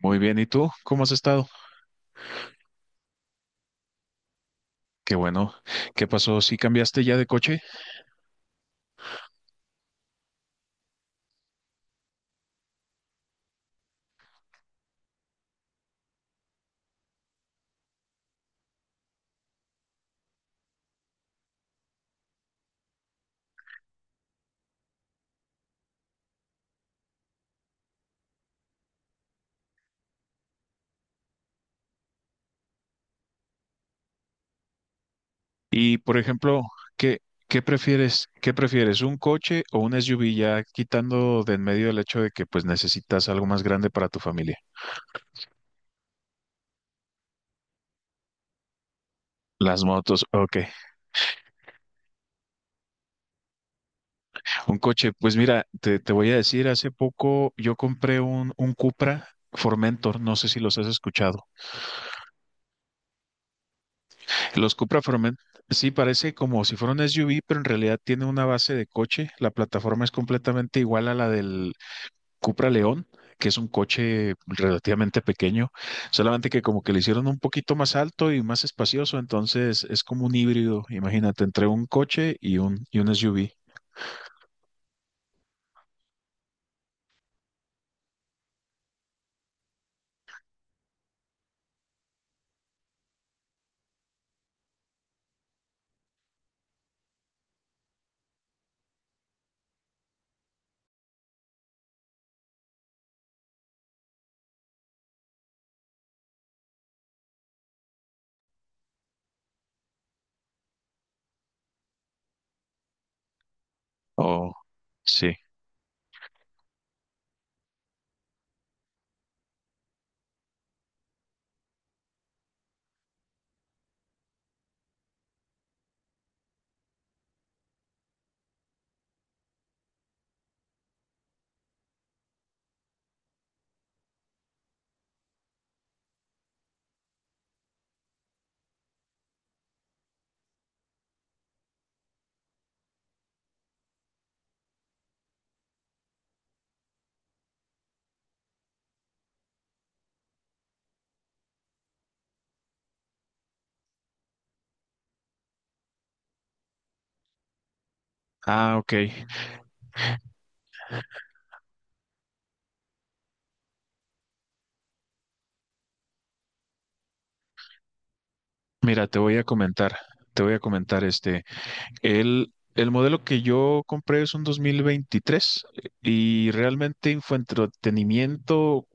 Muy bien, ¿y tú? ¿Cómo has estado? Qué bueno. ¿Qué pasó? ¿Si cambiaste ya de coche? Y, por ejemplo, ¿qué, ¿qué prefieres? ¿Qué prefieres? ¿Un coche o un SUV? Ya quitando de en medio el hecho de que pues necesitas algo más grande para tu familia. Las motos, ok. Un coche, pues mira, te voy a decir, hace poco yo compré un Cupra Formentor, no sé si los has escuchado. Los Cupra Formentor, sí, parece como si fuera un SUV, pero en realidad tiene una base de coche. La plataforma es completamente igual a la del Cupra León, que es un coche relativamente pequeño, solamente que como que le hicieron un poquito más alto y más espacioso, entonces es como un híbrido, imagínate, entre un coche y y un SUV. Oh, sí. Ah, ok. Mira, te voy a comentar, te voy a comentar este. El modelo que yo compré es un 2023 y realmente en fue entretenimiento,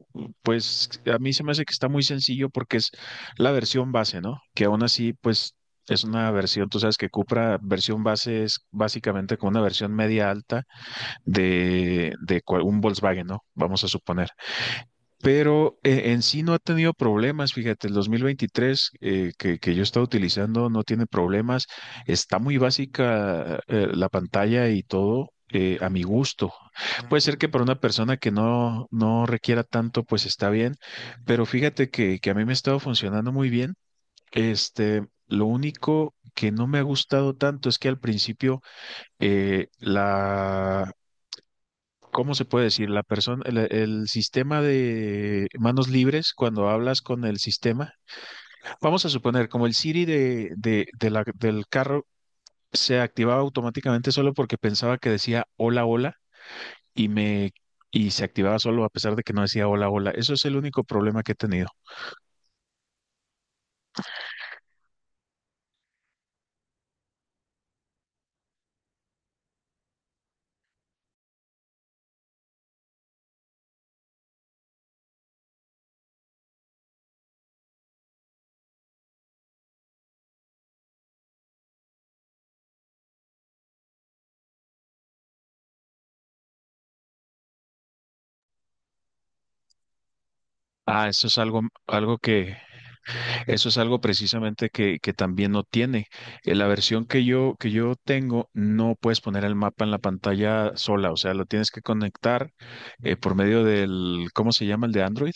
pues a mí se me hace que está muy sencillo porque es la versión base, ¿no? Que aún así, pues es una versión, tú sabes que Cupra, versión base es básicamente como una versión media alta de cual- un Volkswagen, ¿no? Vamos a suponer, pero en sí no ha tenido problemas. Fíjate, el 2023, que yo he estado utilizando no tiene problemas. Está muy básica, la pantalla y todo. A mi gusto. Puede ser que para una persona que no requiera tanto, pues está bien, pero fíjate que a mí me ha estado funcionando muy bien. Este, lo único que no me ha gustado tanto es que al principio, eh, ¿cómo se puede decir? La persona, el sistema de manos libres, cuando hablas con el sistema, vamos a suponer, como el Siri del carro, se activaba automáticamente solo porque pensaba que decía hola, hola, y me y se activaba solo a pesar de que no decía hola, hola. Eso es el único problema que he tenido. Ah, eso es algo, algo que... Eso es algo precisamente que también no tiene. La versión que que yo tengo, no puedes poner el mapa en la pantalla sola, o sea, lo tienes que conectar, por medio del, ¿cómo se llama? El de Android,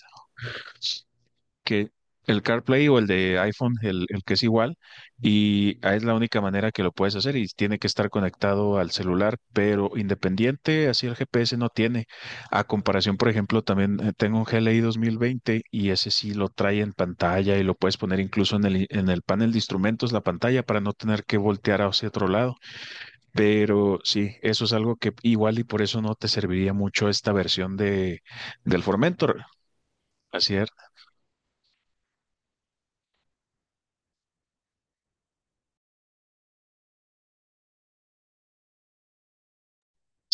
que el CarPlay o el de iPhone, el que es igual, y ah, es la única manera que lo puedes hacer y tiene que estar conectado al celular, pero independiente, así el GPS no tiene. A comparación, por ejemplo, también tengo un GLI veinte y ese sí lo trae en pantalla y lo puedes poner incluso en el, i- en el panel de instrumentos, la pantalla, para no tener que voltear hacia otro lado. Pero sí, eso es algo que igual y por eso no te serviría mucho esta versión de, del Formentor. Así es.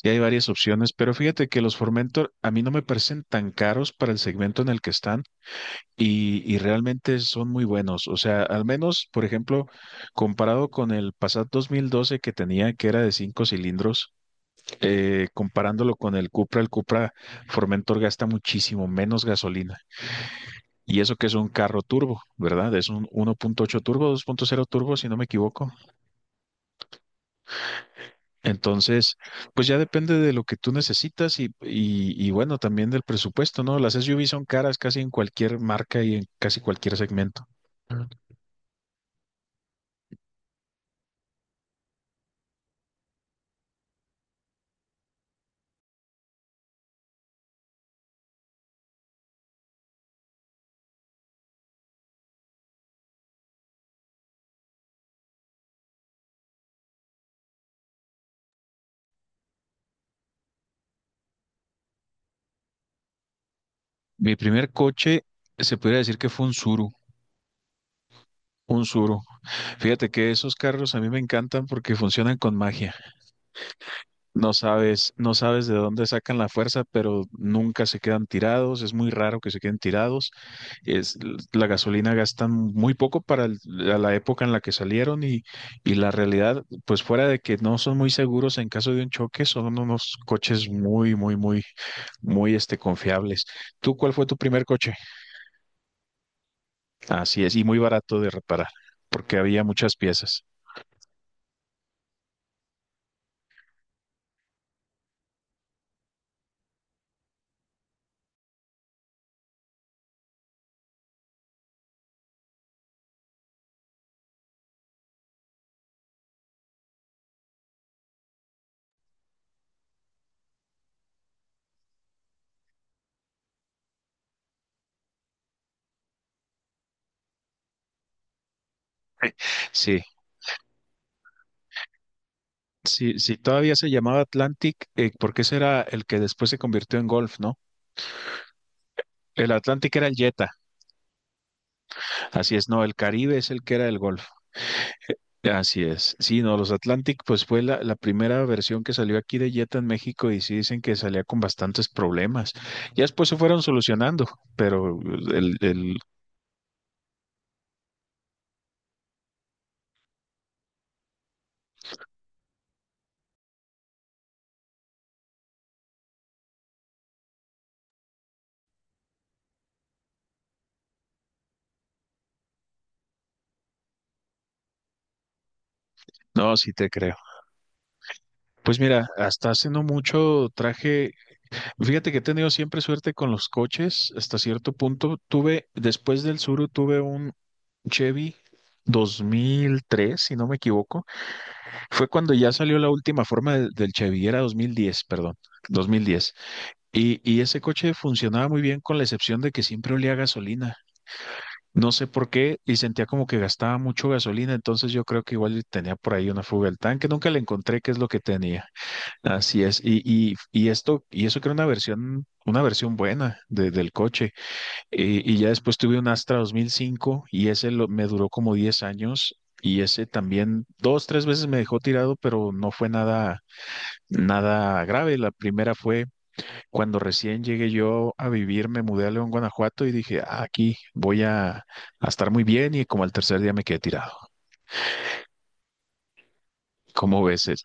Y hay varias opciones, pero fíjate que los Formentor a mí no me parecen tan caros para el segmento en el que están y realmente son muy buenos. O sea, al menos, por ejemplo, comparado con el Passat 2012 que tenía, que era de cinco cilindros, comparándolo con el Cupra Formentor gasta muchísimo menos gasolina. Y eso que es un carro turbo, ¿verdad? Es un 1.8 turbo, 2.0 turbo, si no me equivoco. Entonces, pues ya depende de lo que tú necesitas y bueno, también del presupuesto, ¿no? Las SUV son caras casi en cualquier marca y en casi cualquier segmento. Mi primer coche se podría decir que fue un Suru, un Suru. Fíjate que esos carros a mí me encantan porque funcionan con magia. No sabes, no sabes de dónde sacan la fuerza, pero nunca se quedan tirados. Es muy raro que se queden tirados. Es, la gasolina gastan muy poco para el- la la época en la que salieron, y la realidad, pues fuera de que no son muy seguros en caso de un choque, son unos coches muy, muy, muy, muy este, confiables. ¿Tú cuál fue tu primer coche? Así es, y muy barato de reparar, porque había muchas piezas. Sí, sí, sí, todavía se llamaba Atlantic, porque ese era el que después se convirtió en Golf, ¿no? El Atlantic era el Jetta, así es, no, el Caribe es el que era el Golf. Así es. Sí, no, los Atlantic, pues fue la primera versión que salió aquí de Jetta en México y sí dicen que salía con bastantes problemas. Ya después se fueron solucionando, pero el, el, no, sí te creo. Pues mira, hasta hace no mucho traje, fíjate que he tenido siempre suerte con los coches, hasta cierto punto. Tuve, después del Suru, tuve un Chevy 2003, si no me equivoco. Fue cuando ya salió la última forma del Chevy, era 2010, perdón. 2010. Y ese coche funcionaba muy bien con la excepción de que siempre olía a gasolina. No sé por qué y sentía como que gastaba mucho gasolina, entonces yo creo que igual tenía por ahí una fuga del tanque, nunca le encontré qué es lo que tenía. Así es, y eso que era una versión buena de- del coche. Y ya después tuve un Astra 2005 y ese lo- me duró como 10 años y ese también dos, tres veces me dejó tirado, pero no fue nada, nada grave. La primera fue cuando recién llegué yo a vivir, me mudé a León, Guanajuato y dije, "Ah, aquí voy a estar muy bien" y como al tercer día me quedé tirado. Como ves, Ed?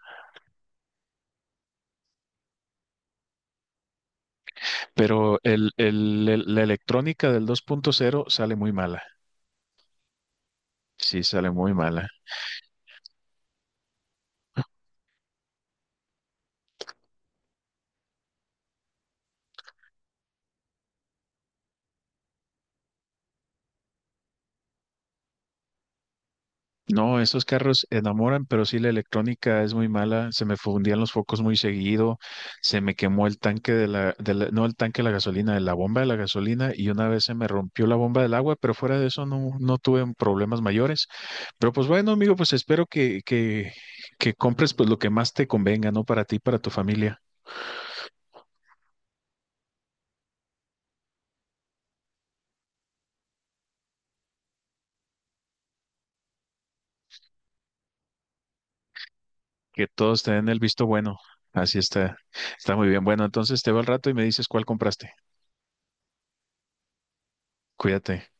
Pero la electrónica del 2.0 sale muy mala. Sí, sale muy mala. No, esos carros enamoran, pero sí la electrónica es muy mala. Se me fundían los focos muy seguido. Se me quemó el tanque de la- no el tanque de la gasolina, de la bomba de la gasolina. Y una vez se me rompió la bomba del agua, pero fuera de eso no, no tuve problemas mayores. Pero pues bueno, amigo, pues espero que compres pues lo que más te convenga, ¿no? Para ti, para tu familia, que todos te den el visto bueno. Así está, está muy bien. Bueno, entonces te veo al rato y me dices cuál compraste. Cuídate.